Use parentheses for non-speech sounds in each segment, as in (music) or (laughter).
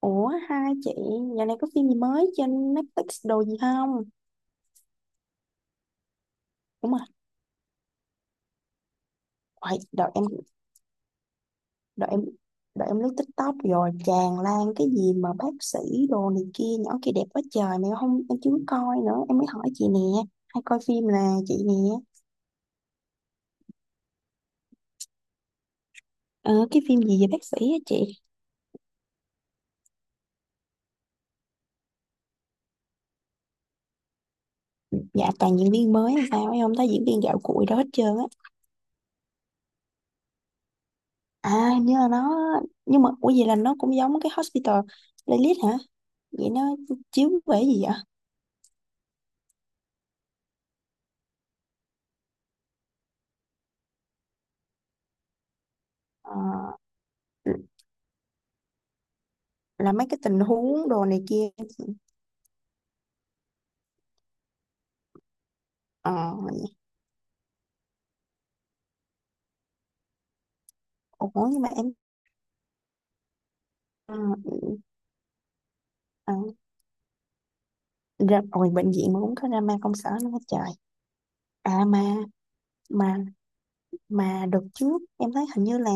Ủa hai chị, dạo này có phim gì mới trên Netflix đồ gì không? Đúng rồi. Đợi em. Đợi em Đợi em lướt TikTok rồi tràn lan cái gì mà bác sĩ đồ này kia. Nhỏ kia đẹp quá trời. Mà em không em chưa coi nữa. Em mới hỏi chị nè. Hay coi phim là chị nè. Ờ cái phim gì về bác sĩ á chị? Dạ toàn diễn viên mới hay sao? Em không thấy diễn viên gạo cội đó hết trơn á. À hình như là nó. Nhưng mà ủa vậy là nó cũng giống cái Hospital Playlist hả? Vậy nó chiếu về cái gì vậy? Ờ là mấy cái tình huống đồ này kia chị. Ờ ủa nhưng mà em. ờ, ờ, Ra rồi, bệnh viện mà cũng có drama công sở nữa hết trời. À mà mà mà đợt trước em thấy hình như là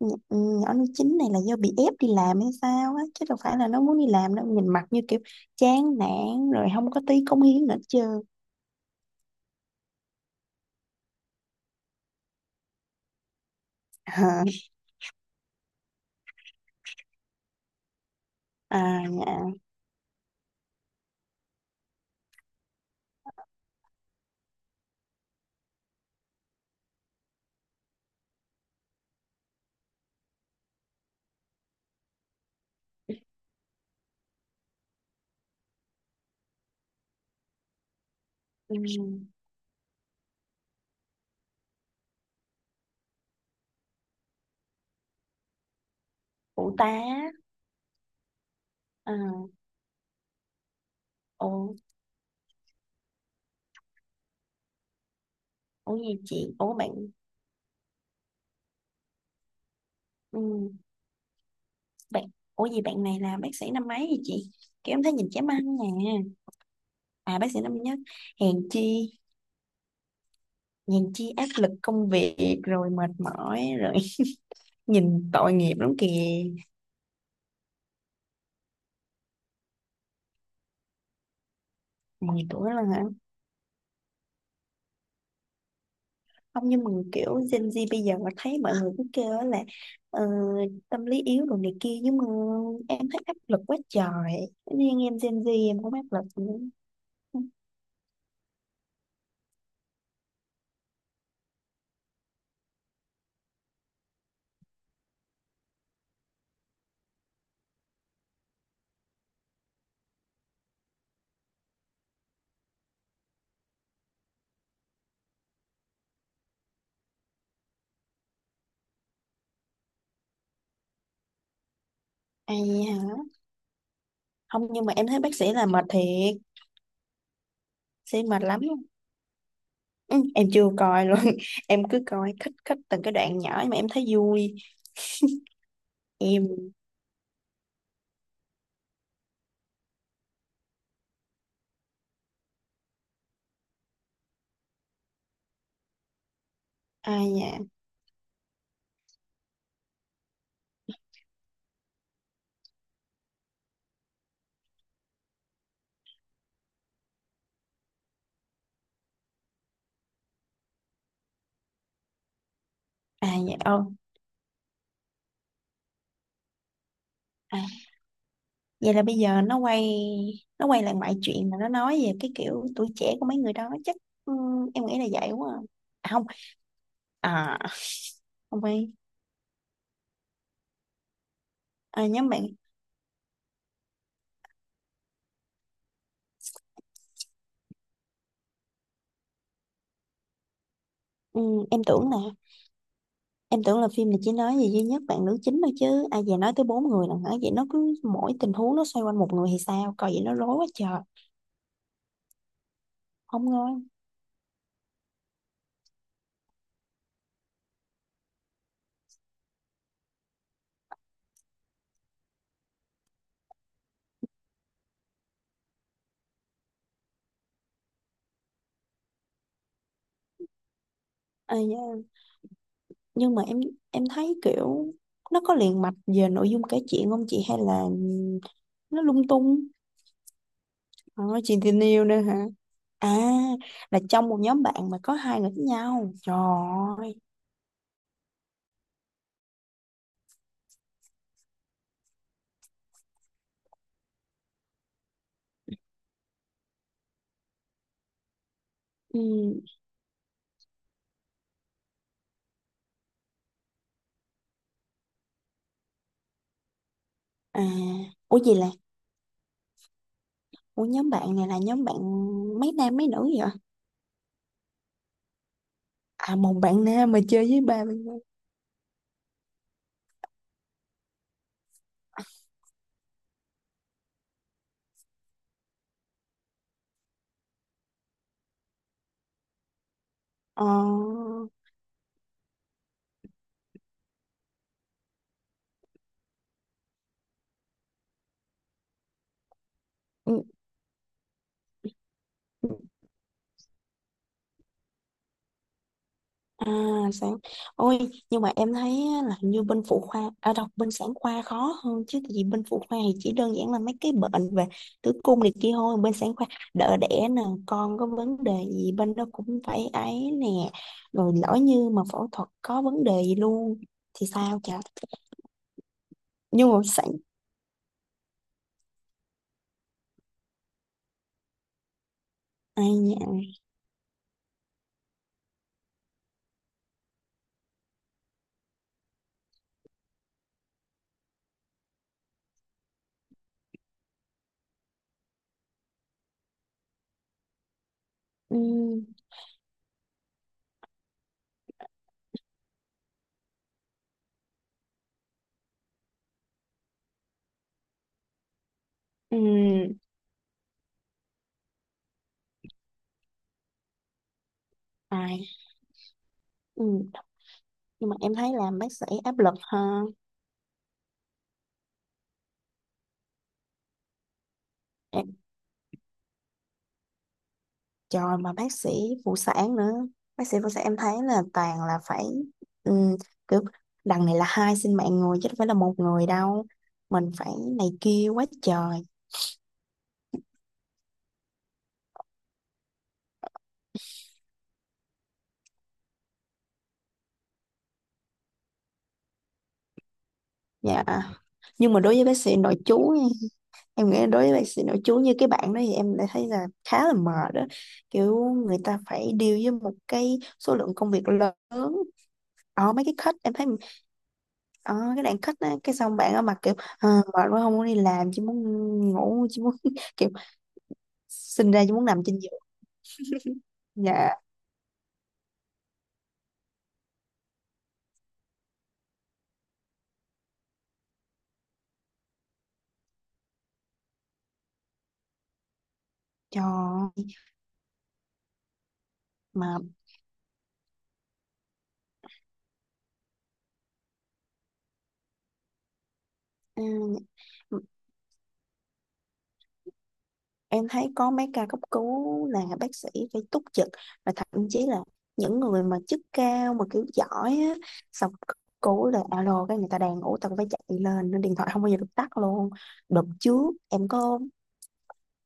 nhỏ nó chính này là do bị ép đi làm hay sao á, chứ đâu phải là nó muốn đi làm đâu, nhìn mặt như kiểu chán nản rồi không có tí cống hiến nữa chứ. à, à, à, ừ, Phụ tá. à, Ủa. Ủa gì chị ủa bạn. ừ. Bạn. Ủa gì bạn này là bác sĩ năm mấy vậy chị? Kiểu em thấy nhìn chém ăn nè. À bác sĩ năm nhất. Hèn chi. Hèn chi áp lực công việc rồi mệt mỏi rồi. (laughs) Nhìn tội nghiệp lắm kìa. Mười tuổi là hả? Không nhưng mà kiểu Gen Z bây giờ mà thấy mọi người cứ kêu á là ờ, tâm lý yếu đồ này kia, nhưng mà em thấy áp lực quá trời. Thế nên em Gen Z em không áp lực nữa. Ai hả? Không nhưng mà em thấy bác sĩ là mệt thiệt. Sĩ mệt lắm. Ừ, em chưa coi luôn. (laughs) Em cứ coi khích khích từng cái đoạn nhỏ mà em thấy vui. Em. Ai nhà. Ai nhà ô. À, vậy là bây giờ nó quay, nó quay lại mọi chuyện mà nó nói về cái kiểu tuổi trẻ của mấy người đó chắc. Ừ, em nghĩ là vậy quá à. À không. À không phải. À, nhóm bạn. Ừ, em tưởng nè. Em tưởng là phim này chỉ nói về duy nhất bạn nữ chính thôi chứ. Ai à, về nói tới bốn người là hả? Vậy nó cứ mỗi tình huống nó xoay quanh một người thì sao coi, vậy nó rối quá trời. Không ngon. À, dạ. Nhưng mà em thấy kiểu nó có liền mạch về nội dung kể chuyện không chị, hay là nó lung tung? À, chị tình yêu nữa hả? À là trong một nhóm bạn mà có hai người với nhau trời ơi. ừ, à Ủa gì là, ủa nhóm bạn này là nhóm bạn mấy nam mấy nữ vậy? À một bạn nam mà chơi với ba bạn nữ. ờ ừ, À, sáng. Ôi, nhưng mà em thấy á, là hình như bên phụ khoa, à, đọc bên sản khoa khó hơn chứ, tại vì bên phụ khoa thì chỉ đơn giản là mấy cái bệnh về tử cung này kia thôi, bên sản khoa đỡ đẻ nè, con có vấn đề gì bên đó cũng phải ấy nè, rồi lỡ như mà phẫu thuật có vấn đề gì luôn thì sao chả. Nhưng mà sản. Ai nhỉ? Ừ, ừ. Ai. Ừ. Nhưng mà em thấy làm bác sĩ áp lực ha. Trời mà bác sĩ phụ sản nữa. Bác sĩ phụ sản em thấy là toàn là phải ừm, kiểu đằng này là hai sinh mạng người, chứ đâu phải là một người đâu. Mình phải này kia quá trời. Dạ. Nhưng mà đối với bác sĩ nội trú nha, em nghĩ đối với bác sĩ nội trú như cái bạn đó thì em lại thấy là khá là mệt đó, kiểu người ta phải deal với một cái số lượng công việc lớn. Ở mấy cái khách em thấy, ở cái đoạn khách á cái xong bạn ở mặt kiểu "Ờ, mệt quá không muốn đi làm, chỉ muốn ngủ, chỉ muốn (laughs) kiểu sinh ra chỉ muốn nằm trên giường." Dạ. Trời ơi, mà ừ, em thấy có mấy ca cấp cứu là bác sĩ phải túc trực, và thậm chí là những người mà chức cao mà kiểu giỏi á, xong cấp cứu là alo cái người ta đang ngủ tao phải chạy lên, nên điện thoại không bao giờ được tắt luôn. Đợt trước em có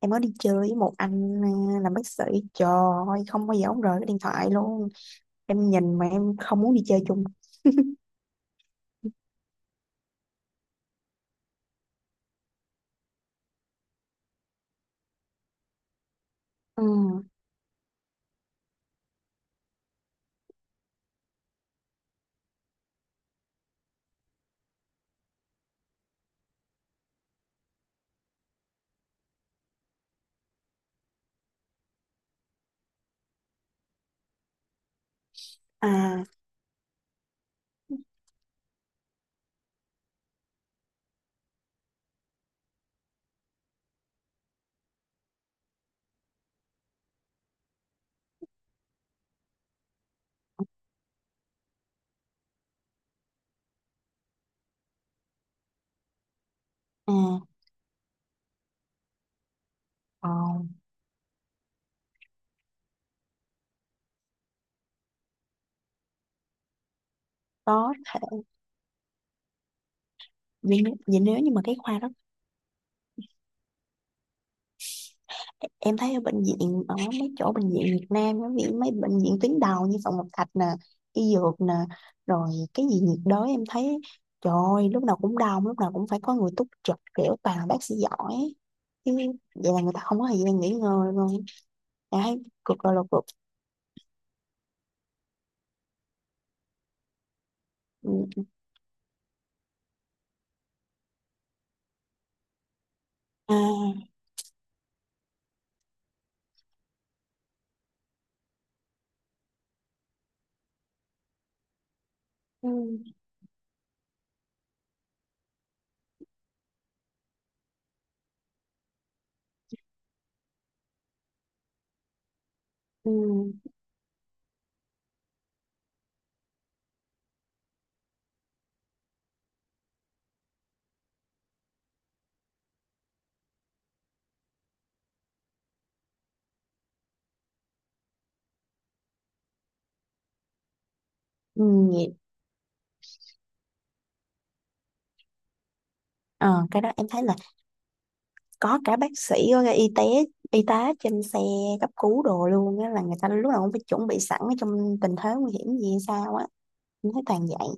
Em có đi chơi với một anh à, làm bác sĩ, trời ơi không bao giờ ông rời cái điện thoại luôn. Em nhìn mà em không muốn đi chơi chung. ừ. à à Còn có thể vì, vì nếu như mà cái khoa đó em thấy ở bệnh viện, ở mấy chỗ bệnh viện Việt Nam á, ví dụ mấy bệnh viện tuyến đầu như Phạm Ngọc Thạch nè, y dược nè, rồi cái gì nhiệt đới em thấy trời ơi lúc nào cũng đông, lúc nào cũng phải có người túc trực kiểu toàn là bác sĩ giỏi chứ. Vậy là người ta không có thời gian nghỉ ngơi luôn. Em thấy cực rồi là cực. Ừ, à, ừ, ừ, ừ, vậy. Ờ, cái đó em thấy là có cả bác sĩ có cả y tế, y tá trên xe cấp cứu đồ luôn á, là người ta lúc nào cũng phải chuẩn bị sẵn ở trong tình thế nguy hiểm gì hay sao á. Mình thấy toàn vậy.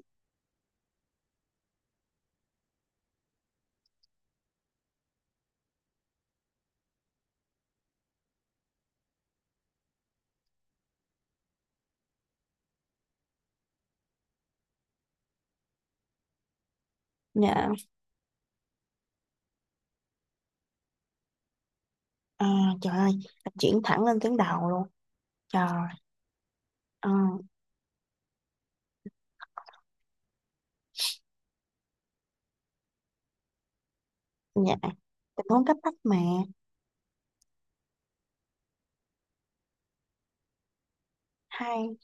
Dạ. À, trời ơi. Chuyển thẳng lên tuyến đầu luôn. Trời. À, dạ. Tình huống cấp bách mà. Hai.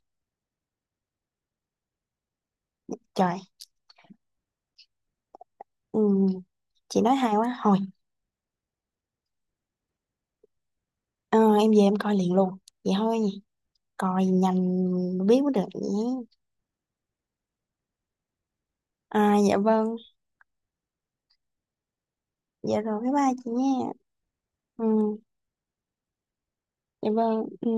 Trời. Ừ, chị nói hay quá thôi. Ờ, em về em coi liền luôn. Vậy thôi nhỉ. Coi nhanh. Biết mới được nhé. À dạ vâng. Dạ rồi bye bye chị nha. Ừ dạ vâng ừ.